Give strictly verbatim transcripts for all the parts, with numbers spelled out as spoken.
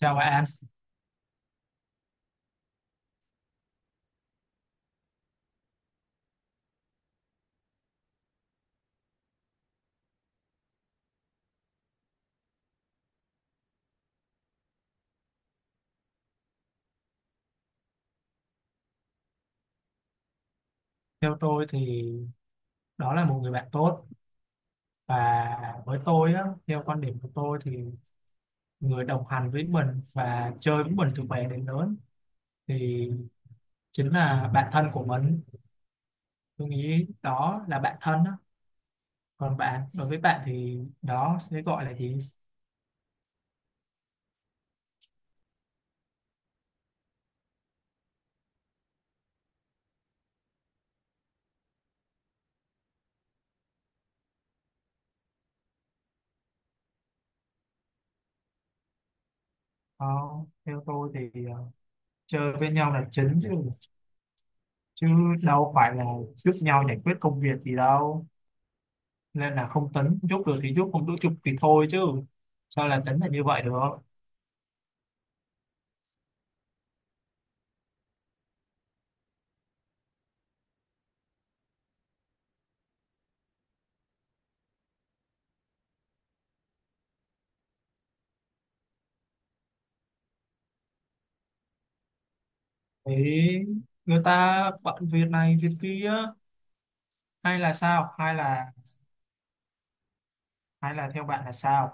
Chào bạn. Theo tôi thì đó là một người bạn tốt, và với tôi á, theo quan điểm của tôi thì người đồng hành với mình và chơi với mình từ bé đến lớn thì chính là bạn thân của mình. Tôi nghĩ đó là bạn thân á. Còn bạn, đối với bạn thì đó sẽ gọi là gì? Ờ, theo tôi thì, ờ, chơi với nhau là chính chứ, chứ đâu phải là giúp nhau giải quyết công việc gì đâu. Nên là không tính, giúp được thì giúp, không giúp chụp thì thôi chứ. Sao là tính là như vậy được? Đấy, người ta bận việc này việc kia, hay là sao, hay là hay là theo bạn là sao?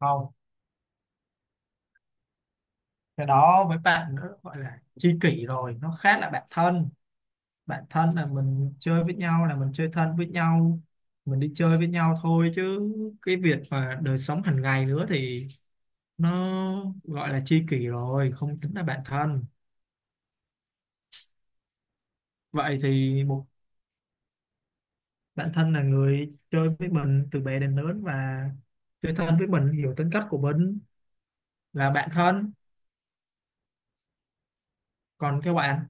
Không, cái đó với bạn nữa gọi là tri kỷ rồi, nó khác là bạn thân. Bạn thân là mình chơi với nhau, là mình chơi thân với nhau, mình đi chơi với nhau thôi, chứ cái việc mà đời sống hàng ngày nữa thì nó gọi là tri kỷ rồi, không tính là bạn thân. Vậy thì một bạn thân là người chơi với mình từ bé đến lớn, và chơi thân với mình, hiểu tính cách của mình, là bạn thân. Còn theo bạn,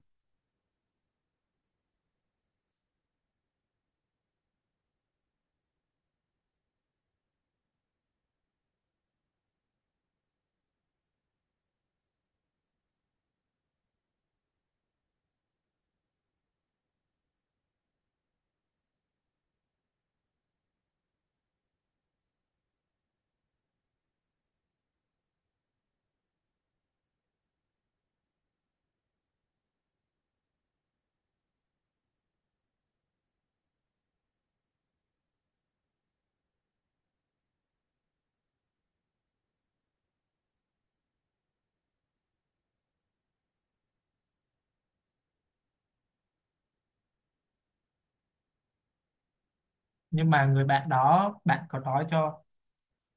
nhưng mà người bạn đó bạn có nói cho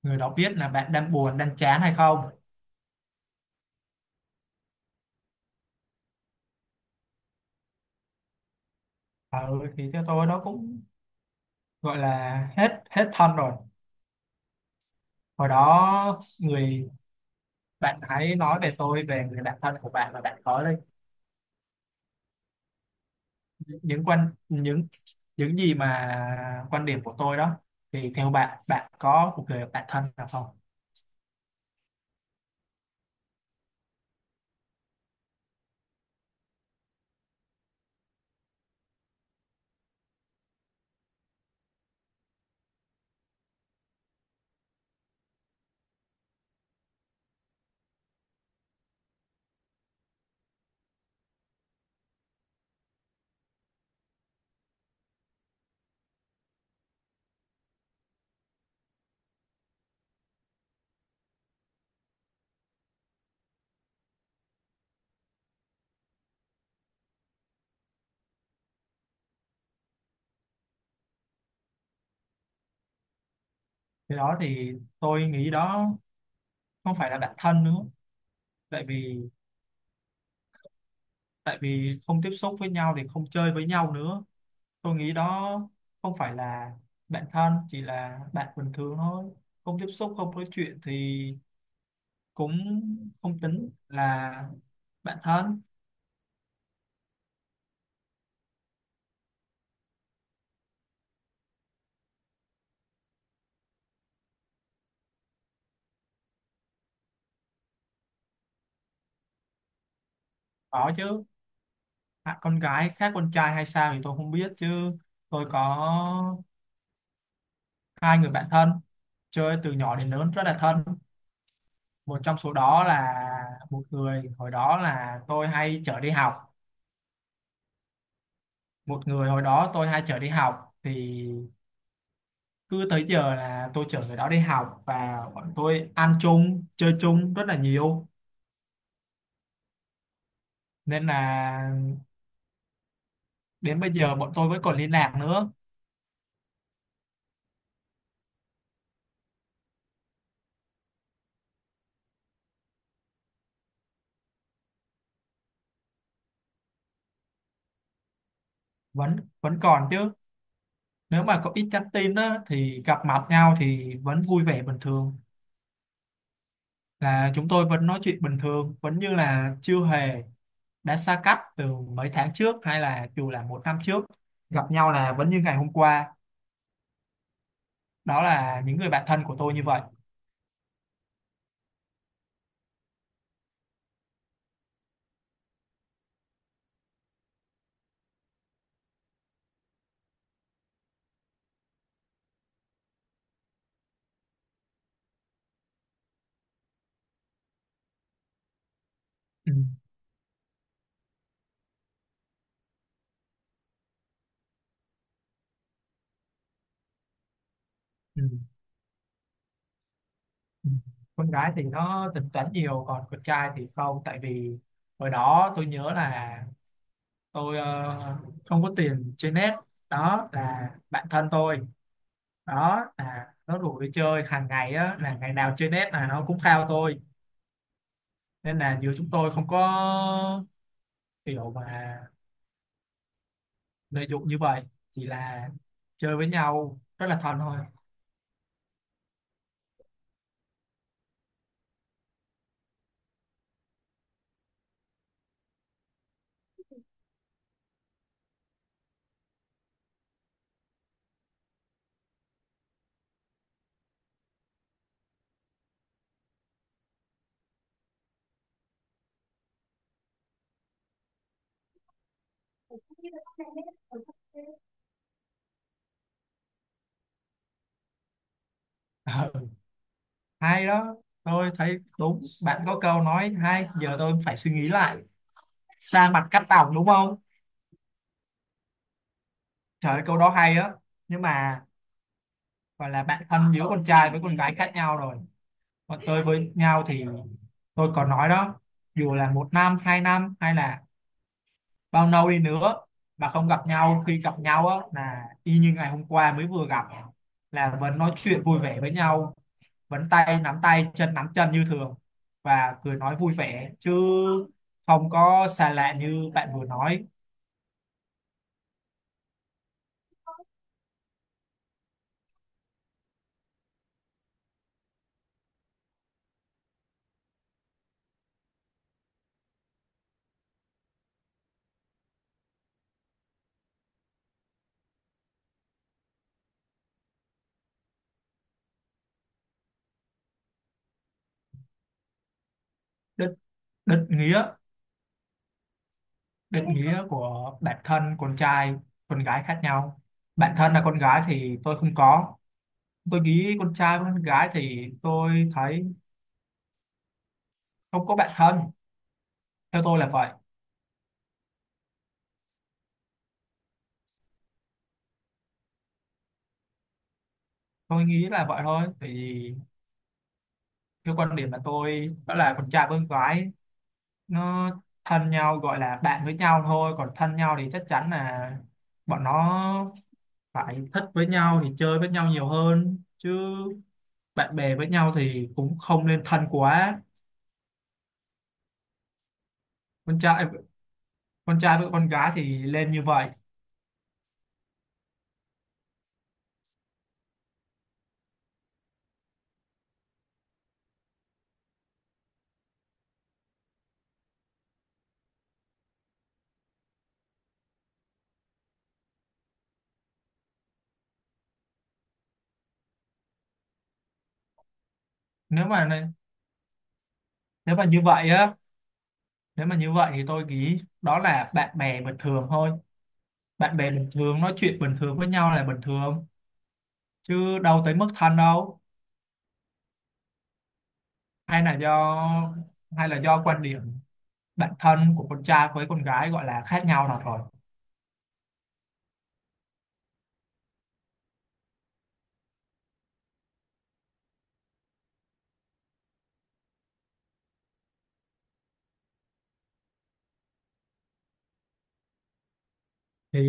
người đó biết là bạn đang buồn đang chán hay không? Ừ, thì theo tôi đó cũng gọi là hết hết thân rồi. Hồi đó người bạn hãy nói về tôi, về người bạn thân của bạn, và bạn có đây những quan, những những gì mà quan điểm của tôi đó, thì theo bạn, bạn có một người bạn thân nào không? Cái đó thì tôi nghĩ đó không phải là bạn thân nữa, tại vì, tại vì không tiếp xúc với nhau thì không chơi với nhau nữa. Tôi nghĩ đó không phải là bạn thân, chỉ là bạn bình thường thôi. Không tiếp xúc, không nói chuyện thì cũng không tính là bạn thân. Có chứ. À, con gái khác con trai hay sao thì tôi không biết, chứ tôi có hai người bạn thân chơi từ nhỏ đến lớn rất là thân. Một trong số đó là một người hồi đó là tôi hay chở đi học. Một người hồi đó tôi hay chở đi học thì cứ tới giờ là tôi chở người đó đi học, và bọn tôi ăn chung chơi chung rất là nhiều, nên là đến bây giờ bọn tôi vẫn còn liên lạc nữa. Vẫn vẫn còn chứ. Nếu mà có ít nhắn tin đó thì gặp mặt nhau thì vẫn vui vẻ bình thường, là chúng tôi vẫn nói chuyện bình thường, vẫn như là chưa hề đã xa cách từ mấy tháng trước, hay là dù là một năm trước, gặp nhau là vẫn như ngày hôm qua. Đó là những người bạn thân của tôi như vậy. Ừ. Ừ. Ừ. Con gái thì nó tính toán nhiều, còn con trai thì không. Tại vì hồi đó tôi nhớ là tôi, ờ, không có tiền chơi net, đó là bạn thân tôi, đó là nó rủ đi chơi hàng ngày á, là ngày nào chơi net là nó cũng khao tôi. Nên là giữa chúng tôi không có kiểu mà lợi dụng như vậy, chỉ là chơi với nhau rất là thân thôi. Ờ, hay đó. Tôi thấy đúng, bạn có câu nói hay, giờ tôi phải suy nghĩ lại. Xa mặt cắt tóc, đúng không? Trời ơi, câu đó hay á. Nhưng mà gọi là bạn thân giữa con trai với con gái khác nhau rồi. Còn tôi với nhau thì tôi còn nói đó, dù là một năm hai năm hay là bao lâu đi nữa mà không gặp nhau, khi gặp nhau á là y như ngày hôm qua mới vừa gặp, là vẫn nói chuyện vui vẻ với nhau, vẫn tay nắm tay chân nắm chân như thường và cười nói vui vẻ chứ, không có xa lạ như bạn vừa nói. Đứt, đứt nghĩa định nghĩa của bản thân con trai con gái khác nhau. Bản thân là con gái thì tôi không có. Tôi nghĩ con trai với con gái thì tôi thấy không có bạn thân, theo tôi là vậy. Tôi nghĩ là vậy thôi, tại vì theo quan điểm là tôi đó là con trai với con gái, nó thân nhau gọi là bạn với nhau thôi, còn thân nhau thì chắc chắn là bọn nó phải thích với nhau thì chơi với nhau nhiều hơn chứ. Bạn bè với nhau thì cũng không nên thân quá. con trai con trai với con gái thì lên như vậy. nếu mà nếu mà như vậy á, nếu mà như vậy thì tôi nghĩ đó là bạn bè bình thường thôi. Bạn bè bình thường nói chuyện bình thường với nhau là bình thường, chứ đâu tới mức thân đâu. hay là do hay là do quan điểm bản thân của con trai với con gái gọi là khác nhau nào rồi. thì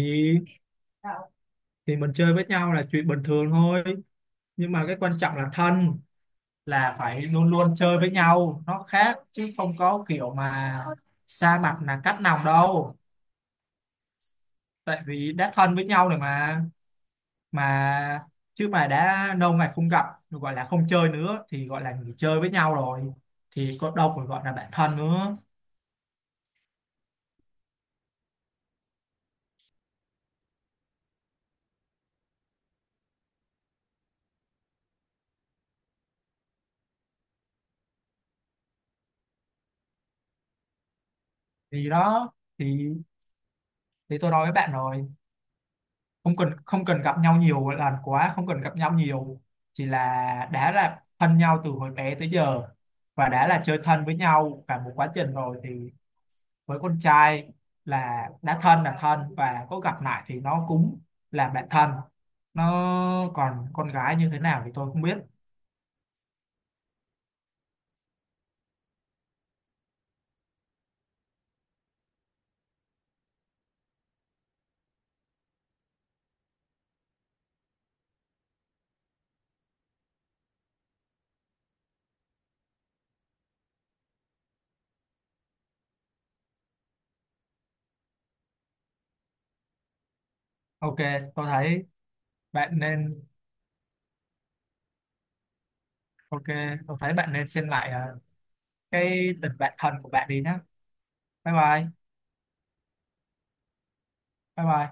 thì mình chơi với nhau là chuyện bình thường thôi, nhưng mà cái quan trọng là thân là phải luôn luôn chơi với nhau, nó khác, chứ không có kiểu mà xa mặt là cắt lòng đâu. Tại vì đã thân với nhau rồi mà, mà chứ mà đã lâu ngày không gặp rồi gọi là không chơi nữa thì gọi là nghỉ chơi với nhau rồi, thì có đâu còn gọi là bạn thân nữa. Thì đó thì thì tôi nói với bạn rồi, không cần không cần gặp nhau nhiều lần quá, không cần gặp nhau nhiều, chỉ là đã là thân nhau từ hồi bé tới giờ và đã là chơi thân với nhau cả một quá trình rồi, thì với con trai là đã thân là thân, và có gặp lại thì nó cũng là bạn thân nó. Còn con gái như thế nào thì tôi không biết. ok tôi thấy bạn nên ok, tôi thấy bạn nên xem lại ờ, cái tình bạn thân của bạn đi nhé. Bye bye. Bye bye.